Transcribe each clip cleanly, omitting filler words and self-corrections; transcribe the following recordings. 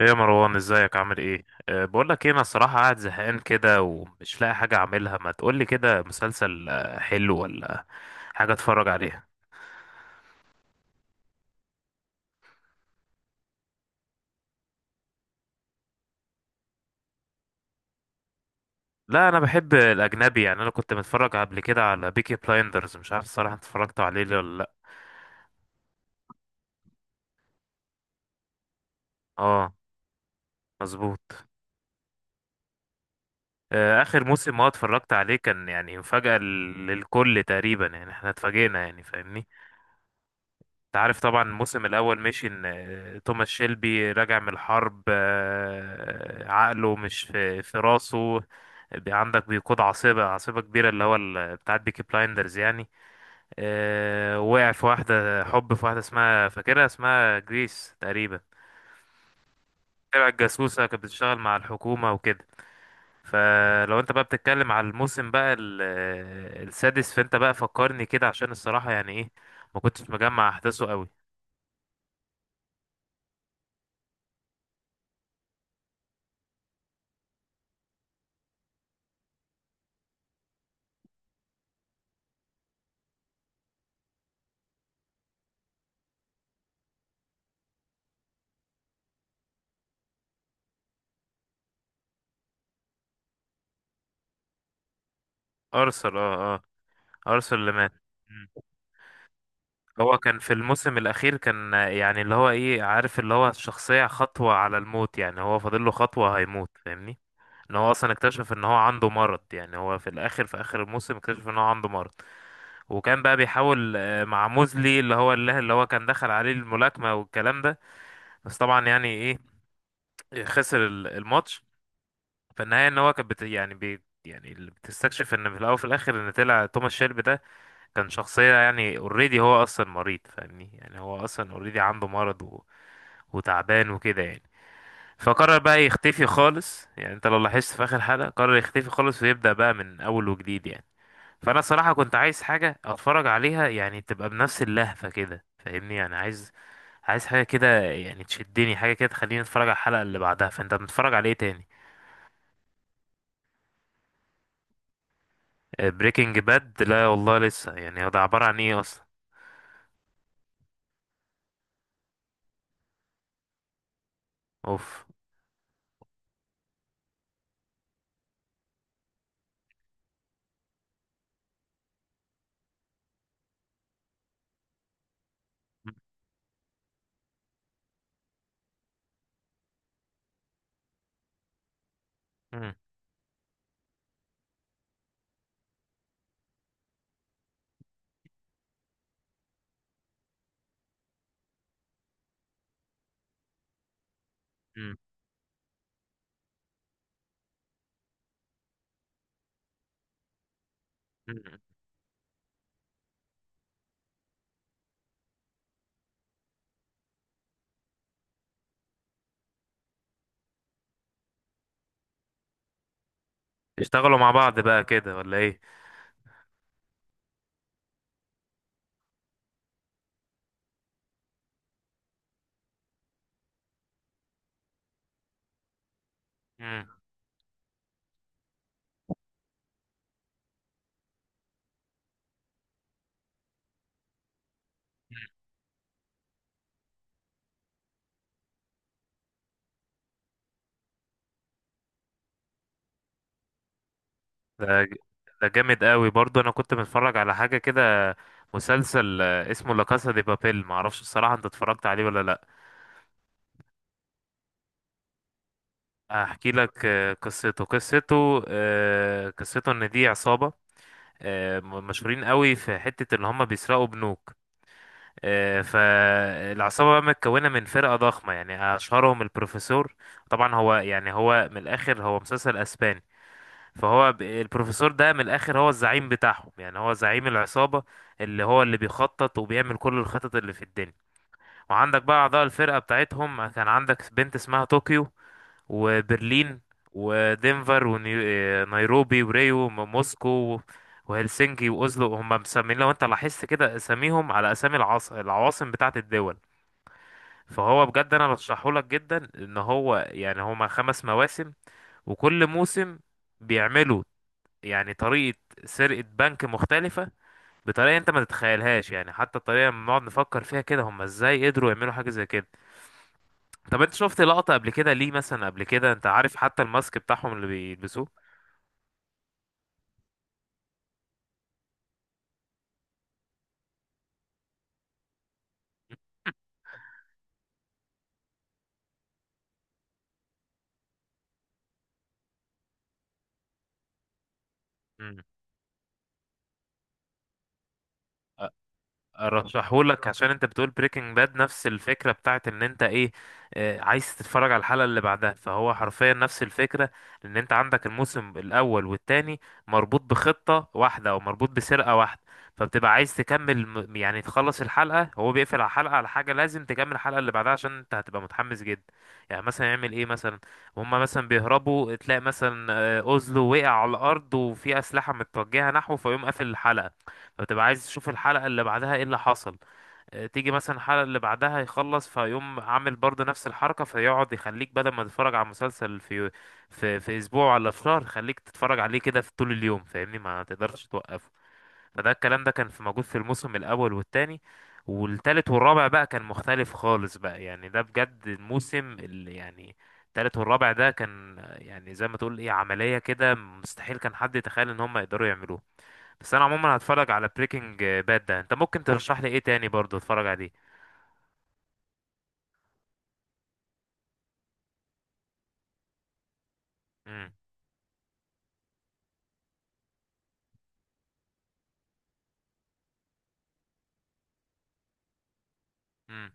ايه يا مروان، ازيك؟ عامل ايه؟ بقول لك ايه، انا الصراحه قاعد زهقان كده ومش لاقي حاجه اعملها. ما تقول لي كده مسلسل حلو، ولا حاجه اتفرج عليها؟ لا، انا بحب الاجنبي. يعني انا كنت متفرج قبل كده على بيكي بلايندرز. مش عارف الصراحه، انت اتفرجت عليه ليه ولا لا؟ اه. مظبوط. اخر موسم ما اتفرجت عليه كان يعني مفاجاه للكل تقريبا، يعني احنا اتفاجئنا، يعني فاهمني؟ انت عارف طبعا، الموسم الاول مشي ان توماس شيلبي راجع من الحرب، عقله مش في راسه. عندك بيقود عاصفة عاصفة كبيرة، اللي هو بتاعت بيكي بلايندرز يعني. وقع في واحدة، حب في واحدة اسمها، فاكرها اسمها جريس تقريبا، تبع الجاسوسة، كانت بتشتغل مع الحكومة وكده. فلو انت بقى بتتكلم على الموسم بقى السادس، فانت بقى فكرني كده، عشان الصراحة يعني ايه، ما كنتش مجمع احداثه قوي. ارسل اه آه. ارسنال اللي مات. مم. هو كان في الموسم الاخير، كان يعني اللي هو ايه، عارف اللي هو الشخصيه خطوه على الموت، يعني هو فاضل له خطوه هيموت، فاهمني؟ ان هو اصلا اكتشف ان هو عنده مرض. يعني هو في الاخر، في اخر الموسم، اكتشف ان هو عنده مرض. وكان بقى بيحاول مع موزلي، اللي هو اللي هو كان دخل عليه الملاكمه والكلام ده. بس طبعا يعني ايه، خسر الماتش. فالنهايه ان هو كان يعني يعني اللي بتستكشف ان في الاول وفي الاخر، ان طلع توماس شيلبي ده كان شخصية، يعني اوريدي هو اصلا مريض، فاهمني؟ يعني هو اصلا اوريدي عنده مرض. وتعبان وكده يعني. فقرر بقى يختفي خالص. يعني انت لو لاحظت في اخر حلقة، قرر يختفي خالص ويبدأ بقى من اول وجديد يعني. فانا صراحة كنت عايز حاجة اتفرج عليها، يعني تبقى بنفس اللهفة كده فاهمني. يعني عايز حاجة كده، يعني تشدني حاجة كده، تخليني اتفرج على الحلقة اللي بعدها. فانت بتتفرج على ايه تاني؟ بريكنج باد؟ لا والله لسه. يعني هو ده عبارة عن ايه اصلا؟ اوف. مم. مم. مم. اشتغلوا مع بعض بقى كده ولا ايه؟ مم. ده ده جامد قوي برضو، انا كنت بتفرج على حاجه كده، مسلسل اسمه لا كاسا دي بابيل. معرفش الصراحه، انت اتفرجت عليه ولا لا؟ هحكي لك قصته. ان دي عصابه، مشهورين قوي في حته ان هم بيسرقوا بنوك. فالعصابه بقى متكونه من فرقه ضخمه، يعني اشهرهم البروفيسور. طبعا هو، يعني هو من الاخر هو مسلسل اسباني. فهو البروفيسور ده من الاخر هو الزعيم بتاعهم، يعني هو زعيم العصابة، اللي هو اللي بيخطط وبيعمل كل الخطط اللي في الدنيا. وعندك بقى اعضاء الفرقة بتاعتهم، كان عندك بنت اسمها طوكيو، وبرلين، ودنفر، ونيروبي، وريو، وموسكو، وهلسنكي، واوزلو. هم مسمين، لو انت لاحظت كده، اساميهم على اسامي العواصم بتاعت الدول. فهو بجد انا برشحهولك جدا، ان هو يعني هما خمس مواسم، وكل موسم بيعملوا يعني طريقة سرقة بنك مختلفة، بطريقة انت ما تتخيلهاش. يعني حتى الطريقة لما بنقعد نفكر فيها كده، هم ازاي قدروا يعملوا حاجة زي كده؟ طب انت شفت لقطة قبل كده ليه مثلا؟ قبل كده انت عارف حتى الماسك بتاعهم اللي بيلبسوه. مم. ارشحهولك عشان انت بتقول بريكنج باد نفس الفكره، بتاعت ان انت ايه، عايز تتفرج على الحلقه اللي بعدها. فهو حرفيا نفس الفكره، ان انت عندك الموسم الاول والتاني مربوط بخطه واحده، او مربوط بسرقه واحده. فبتبقى عايز تكمل يعني تخلص الحلقه، هو بيقفل على حلقه، على حاجه لازم تكمل الحلقه اللي بعدها، عشان انت هتبقى متحمس جدا. يعني مثلا يعمل ايه مثلا، هما مثلا بيهربوا، تلاقي مثلا اوزلو وقع على الارض وفي اسلحه متوجهه نحوه، فيقوم قافل الحلقه. فبتبقى عايز تشوف الحلقة اللي بعدها ايه اللي حصل. تيجي مثلا الحلقة اللي بعدها يخلص، فيقوم عامل برضه نفس الحركة. فيقعد يخليك، بدل ما تتفرج على مسلسل في أسبوع ولا في شهر، خليك تتفرج عليه كده في طول اليوم، فاهمني؟ ما تقدرش توقفه. فده الكلام ده كان في موجود في الموسم الأول والتاني. والتالت والرابع بقى كان مختلف خالص بقى، يعني ده بجد الموسم اللي يعني، التالت والرابع ده كان يعني زي ما تقول ايه، عملية كده مستحيل كان حد يتخيل ان هم يقدروا يعملوها. بس انا عموما هتفرج على بريكنج باد ده. انت ممكن ترشح لي ايه تاني برضو اتفرج عليه؟ امم. امم.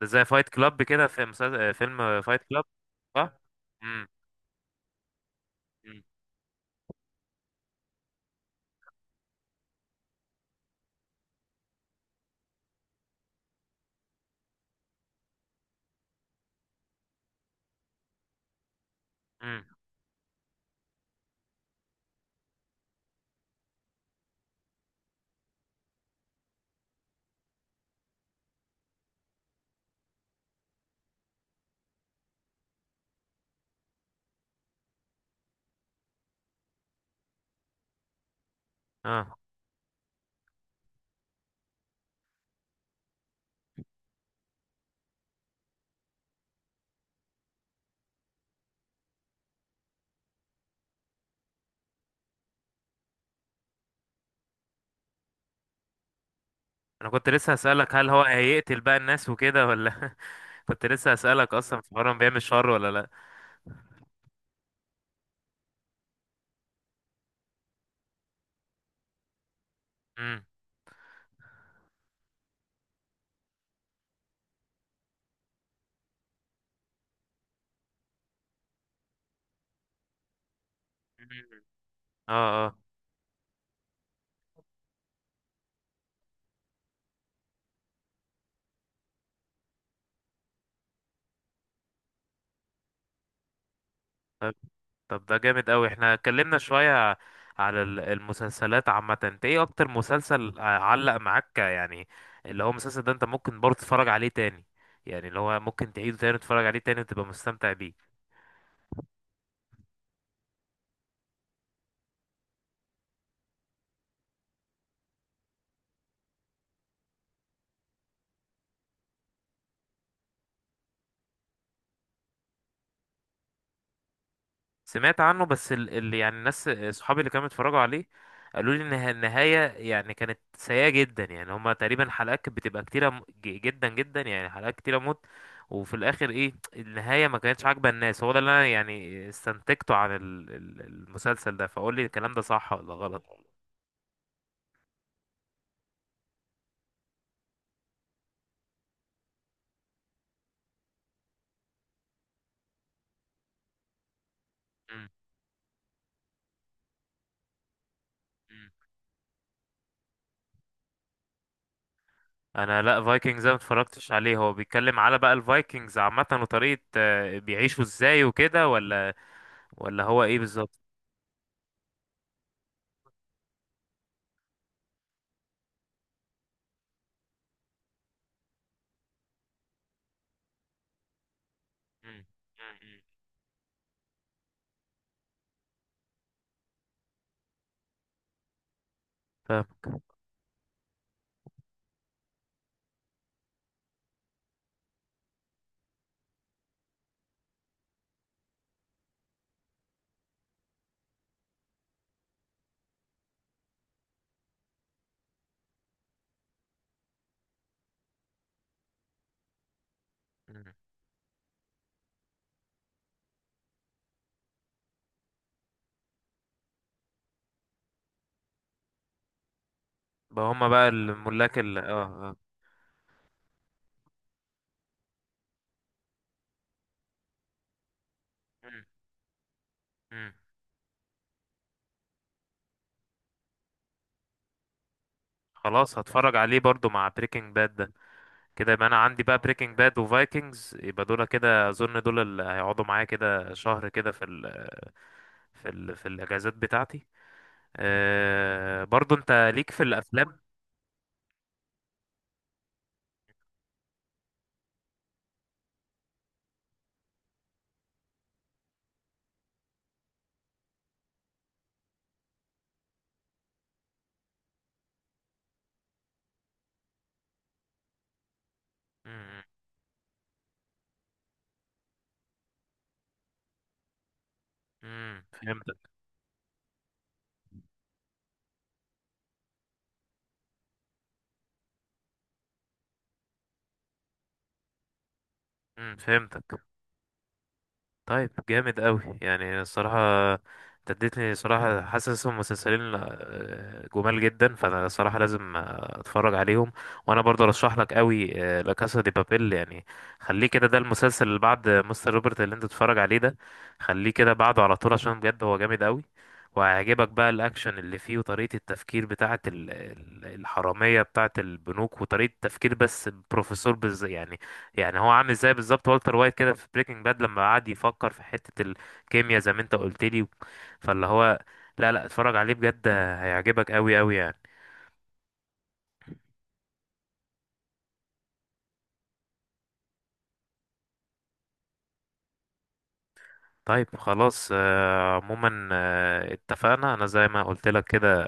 ده زي فايت كلاب كده، في مسلسل فيلم فايت كلاب. صح. امم. امم. امم. اه. انا كنت لسه هسألك، هل هو هيقتل بقى الناس وكده ولا؟ كنت لسه هسألك اصلا، في مرة بيعمل شر ولا لا؟ امم. أمم. اه. اه. طب ده جامد قوي. احنا اتكلمنا شوية على المسلسلات عامة. انت ايه اكتر مسلسل علق معاك يعني؟ اللي هو المسلسل ده انت ممكن برضه تتفرج عليه تاني، يعني اللي هو ممكن تعيده تاني وتتفرج عليه تاني وتبقى مستمتع بيه. سمعت عنه، بس اللي يعني الناس صحابي اللي كانوا بيتفرجوا عليه قالوا لي ان النهايه يعني كانت سيئه جدا. يعني هما تقريبا حلقات كانت بتبقى كتيره جدا جدا، يعني حلقات كتيره موت. وفي الاخر ايه النهايه ما كانتش عاجبه الناس. هو ده اللي انا يعني استنتجته عن المسلسل ده، فقول لي الكلام ده صح ولا غلط؟ مم. مم. انا لا، فايكنجز ما اتفرجتش عليه. هو بيتكلم على بقى الفايكنجز عامه وطريقه بيعيشوا ازاي وكده، ولا ولا هو ايه بالظبط؟ مم. مم. مم. فاهم. بقى هما بقى الملاك ال اه اه مم. مم. خلاص، هتفرج عليه برضو مع بريكنج باد ده. كده يبقى انا عندي بقى بريكنج باد وفايكنجز، يبقى دول كده اظن دول اللي هيقعدوا معايا كده شهر كده، في ال، في الاجازات بتاعتي. أه، برضو انت ليك في الافلام؟ مم. مم. فهمتك. مم. فهمتك. طيب جامد قوي يعني الصراحة، انت اديتني صراحة. حاسس هم مسلسلين جمال جدا، فانا الصراحة لازم اتفرج عليهم. وانا برضه ارشح لك قوي لا كاسا دي بابيل، يعني خليه كده، ده المسلسل اللي بعد مستر روبرت اللي انت تتفرج عليه ده، خليه كده بعده على طول، عشان بجد هو جامد قوي. وهيعجبك بقى الاكشن اللي فيه، وطريقة التفكير بتاعة الحرامية بتاعة البنوك، وطريقة التفكير، بس بروفيسور يعني. يعني هو عامل ازاي بالظبط والتر وايت كده في بريكنج باد، لما قعد يفكر في حتة الكيمياء زي ما انت قلت لي. فاللي هو، لا، لا، اتفرج عليه بجد، هيعجبك قوي قوي يعني. طيب خلاص. عموما اتفقنا، انا زي ما قلت لك كده،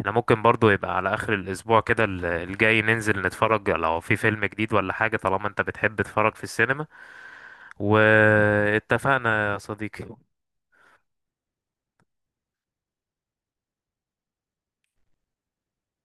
احنا ممكن برضو يبقى على اخر الاسبوع كده الجاي، ننزل نتفرج لو في فيلم جديد ولا حاجة، طالما انت بتحب تتفرج في السينما. واتفقنا يا صديقي.